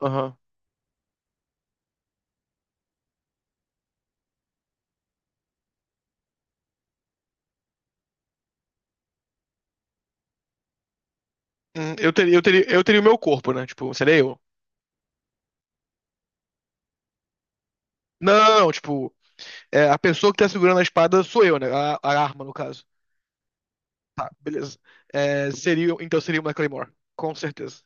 Aham. Eu teria, eu teria, eu teria o meu corpo, né? Tipo, seria eu. Não, tipo, é, a pessoa que tá segurando a espada sou eu, né? A arma, no caso. Tá, beleza. É, seria, então seria uma Claymore, com certeza.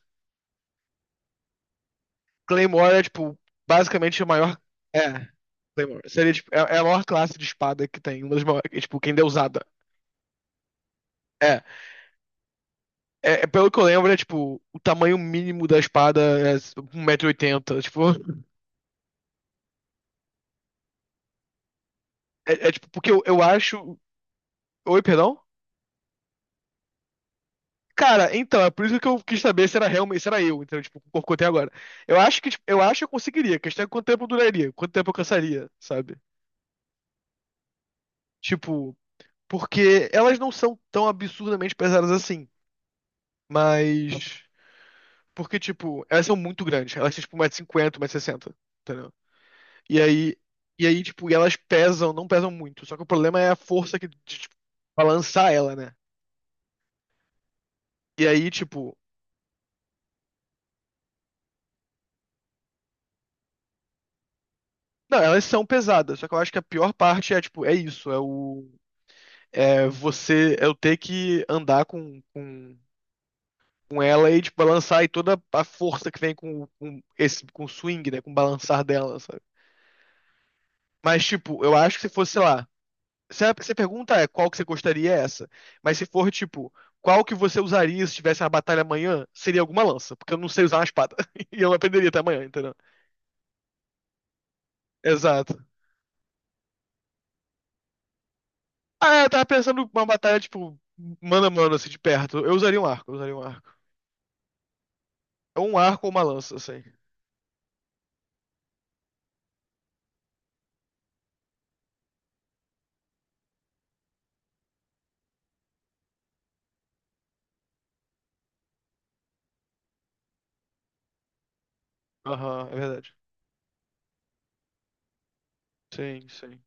Claymore é, tipo, basicamente a maior. É, Claymore. Seria, tipo, é a maior classe de espada que tem. Uma das maiores, é, tipo, quem deu usada. É, é, pelo que eu lembro, é tipo, o tamanho mínimo da espada é um metro e oitenta. Tipo, é, tipo, porque eu acho. Oi, perdão? Cara, então, é por isso que eu quis saber se era realmente, se era eu, entendeu? Tipo, com o corpo que eu tenho agora. Eu acho que, tipo, eu acho que eu conseguiria. A questão é quanto tempo eu duraria, quanto tempo eu cansaria, sabe? Tipo, porque elas não são tão absurdamente pesadas assim. Mas. Porque, tipo, elas são muito grandes. Elas são tipo, 1,50 m, 160 sessenta, entendeu? E aí. E aí, tipo, e elas pesam, não pesam muito. Só que o problema é a força que, de, tipo, balançar ela, né? E aí, tipo. Não, elas são pesadas. Só que eu acho que a pior parte é, tipo, é isso. É o, é você, é eu ter que andar com ela e tipo, balançar e toda a força que vem com esse, com o swing, né? Com o balançar dela, sabe? Mas, tipo, eu acho que se fosse, sei lá. Se a pergunta é qual que você gostaria é essa. Mas se for, tipo, qual que você usaria se tivesse uma batalha amanhã, seria alguma lança. Porque eu não sei usar uma espada. E eu não aprenderia até amanhã, entendeu? Exato. Ah, eu tava pensando uma batalha, tipo, mano a mano, assim, de perto. Eu usaria um arco. Ou um arco ou uma lança, assim. Aham, é verdade. Sim, sim.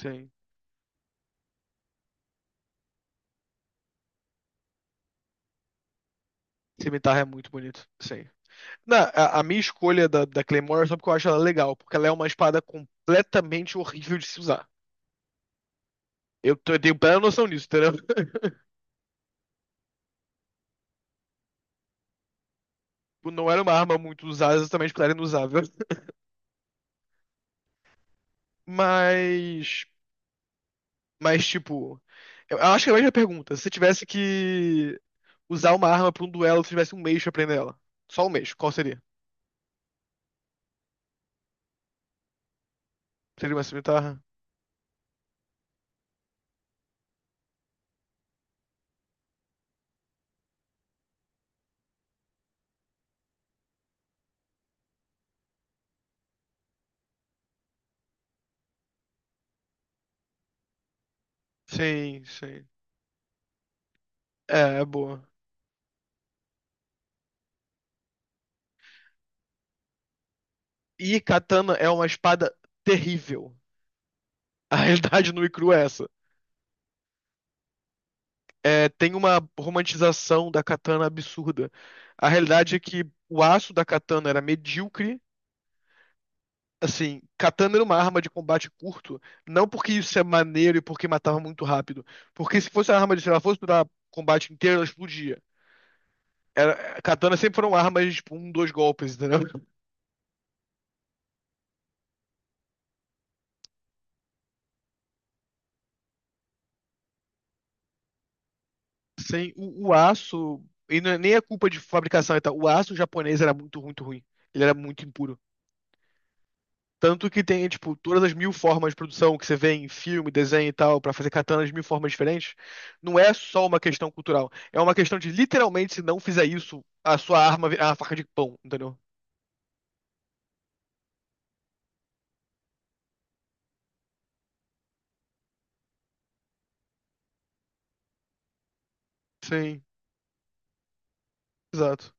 Sim. Cimitarra é muito bonito. Sim. Não, a minha escolha da Claymore é só porque eu acho ela legal, porque ela é uma espada completamente horrível de se usar. Eu, eu tenho plena noção disso, entendeu? Tipo, não era uma arma muito usada, exatamente porque ela era inusável. Mas. Mas, tipo. Eu acho que é a mesma pergunta. Se você tivesse que usar uma arma pra um duelo, se tivesse um mês pra aprender ela. Só um mês, qual seria? Seria uma cimitarra? Sim, sim. É, é boa. E katana é uma espada terrível. A realidade nua e crua é essa. É, tem uma romantização da katana absurda. A realidade é que o aço da katana era medíocre. Assim, katana era uma arma de combate curto, não porque isso é maneiro e porque matava muito rápido. Porque se fosse uma arma de, se ela fosse durar combate inteiro, ela explodia. Era, katana sempre foram armas, de tipo, um, dois golpes, entendeu? Sem o aço, e nem é culpa de fabricação e tal, o aço japonês era muito, muito ruim. Ele era muito impuro. Tanto que tem, tipo, todas as mil formas de produção que você vê em filme, desenho e tal, pra fazer katanas de mil formas diferentes, não é só uma questão cultural. É uma questão de, literalmente, se não fizer isso, a sua arma é uma faca de pão, entendeu? Sim, exato.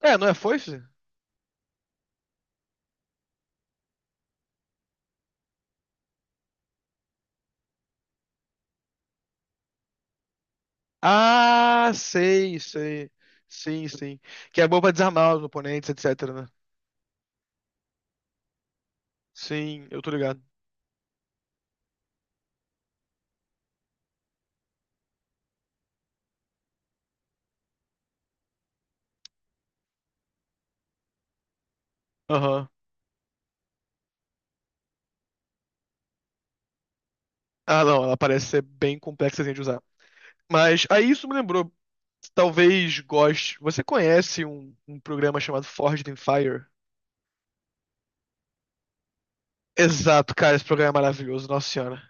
É, não é foice? Ah, sei, sei. Sim, sim. Que é boa pra desarmar os oponentes, etcétera, né? Sim, eu tô ligado. Aham. Ah, não, ela parece ser bem complexa assim, de usar. Mas aí isso me lembrou. Talvez goste. Você conhece um programa chamado Forged in Fire? Exato, cara, esse programa é maravilhoso, nossa senhora.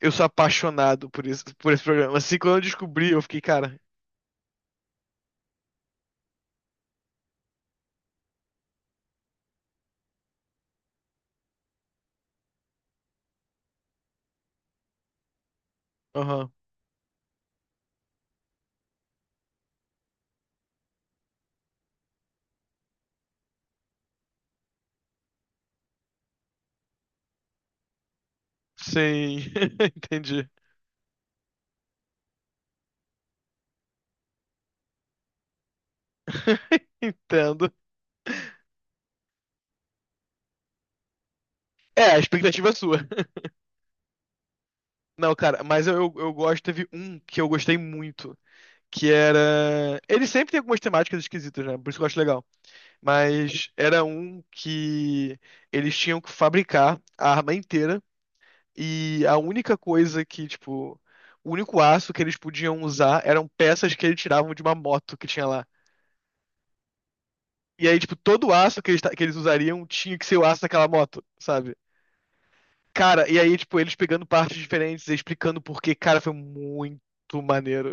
Eu sou apaixonado por isso, por esse programa. Assim, quando eu descobri, eu fiquei, cara, aham, sim, entendi. Entendo. É, a expectativa é sua. Não, cara, mas eu, eu gosto, teve um que eu gostei muito, que era... Ele sempre tem algumas temáticas esquisitas, né? Por isso que eu acho legal. Mas era um que eles tinham que fabricar a arma inteira e a única coisa que, tipo, o único aço que eles podiam usar eram peças que eles tiravam de uma moto que tinha lá. E aí, tipo, todo o aço que eles, que eles usariam tinha que ser o aço daquela moto, sabe? Cara, e aí, tipo, eles pegando partes diferentes e explicando por quê, cara, foi muito maneiro.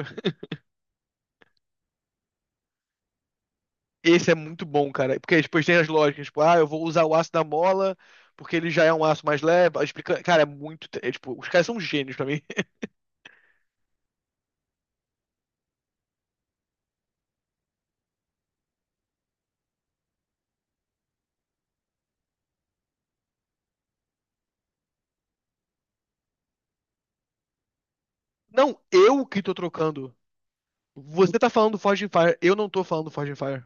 Esse é muito bom, cara. Porque depois tem as lógicas, tipo, ah, eu vou usar o aço da mola porque ele já é um aço mais leve. Explica... Cara, é muito. É, tipo, os caras são gênios pra mim. Não, eu que tô trocando. Você tá falando do Forging Fire, eu não tô falando do Forging Fire.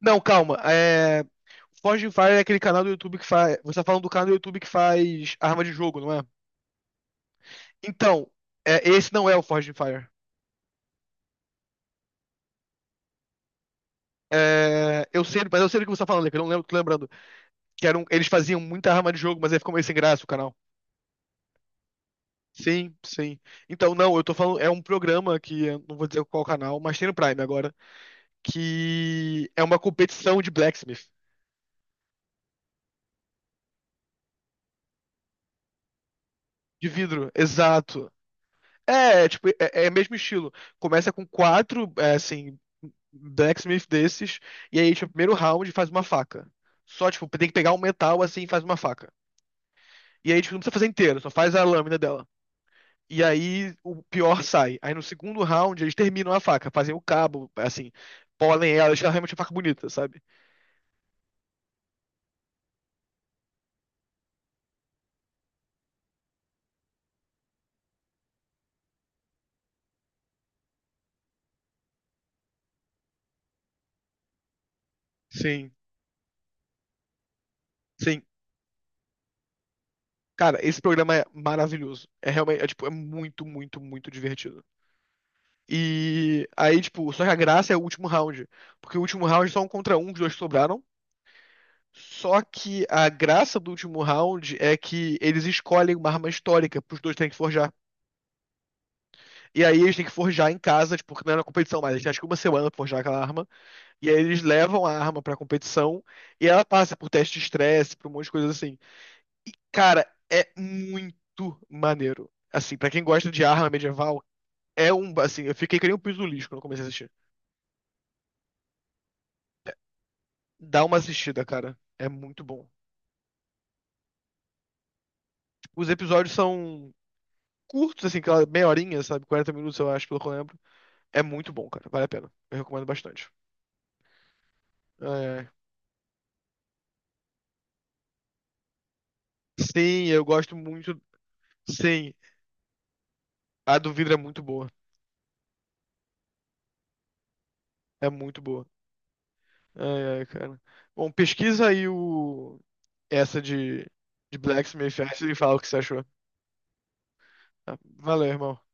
Não, calma. É... Forging Fire é aquele canal do YouTube que faz. Você tá falando do canal do YouTube que faz arma de jogo, não é? Então, é, esse não é o Forging Fire. É, eu sei, mas eu sei do que você tá falando, que eu não lembro, tô lembrando. Que era um- eles faziam muita arma de jogo, mas aí ficou meio sem graça o canal. Sim, sim. Então, não, eu tô falando, é um programa que eu não vou dizer qual canal, mas tem no Prime agora, que é uma competição de blacksmith, de vidro, exato. Tipo, é, é mesmo estilo. Começa com quatro, é, assim, blacksmith desses, e aí, tipo, primeiro round faz uma faca. Só, tipo, tem que pegar um metal assim e faz uma faca. E aí, tipo, não precisa fazer inteiro, só faz a lâmina dela. E aí o pior sai. Aí no segundo round eles terminam a faca, fazem o cabo, assim, polem ela, deixam realmente a faca bonita, sabe? Sim, sim. Cara, esse programa é maravilhoso. É realmente, é, tipo, é muito, muito, muito divertido. E aí, tipo, só que a graça é o último round. Porque o último round é só um contra um, os dois sobraram. Só que a graça do último round é que eles escolhem uma arma histórica pros dois terem que forjar. E aí eles têm que forjar em casa, tipo, porque não é na competição, mais eles têm acho que uma semana pra forjar aquela arma. E aí eles levam a arma pra competição e ela passa por teste de estresse, por um monte de coisa assim. Cara, é muito maneiro. Assim, pra quem gosta de arma medieval, é um. Assim, eu fiquei que nem um pisulis quando eu comecei a assistir. Dá uma assistida, cara. É muito bom. Os episódios são curtos, assim, aquela meia horinha, sabe? 40 minutos, eu acho, pelo que eu lembro. É muito bom, cara. Vale a pena. Eu recomendo bastante. É. Sim, eu gosto muito. Sim, a do vidro é muito boa. É muito boa. Ai, ai, cara. Bom, pesquisa aí o... essa de Blacksmith e fala o que você achou. Tá? Valeu, irmão.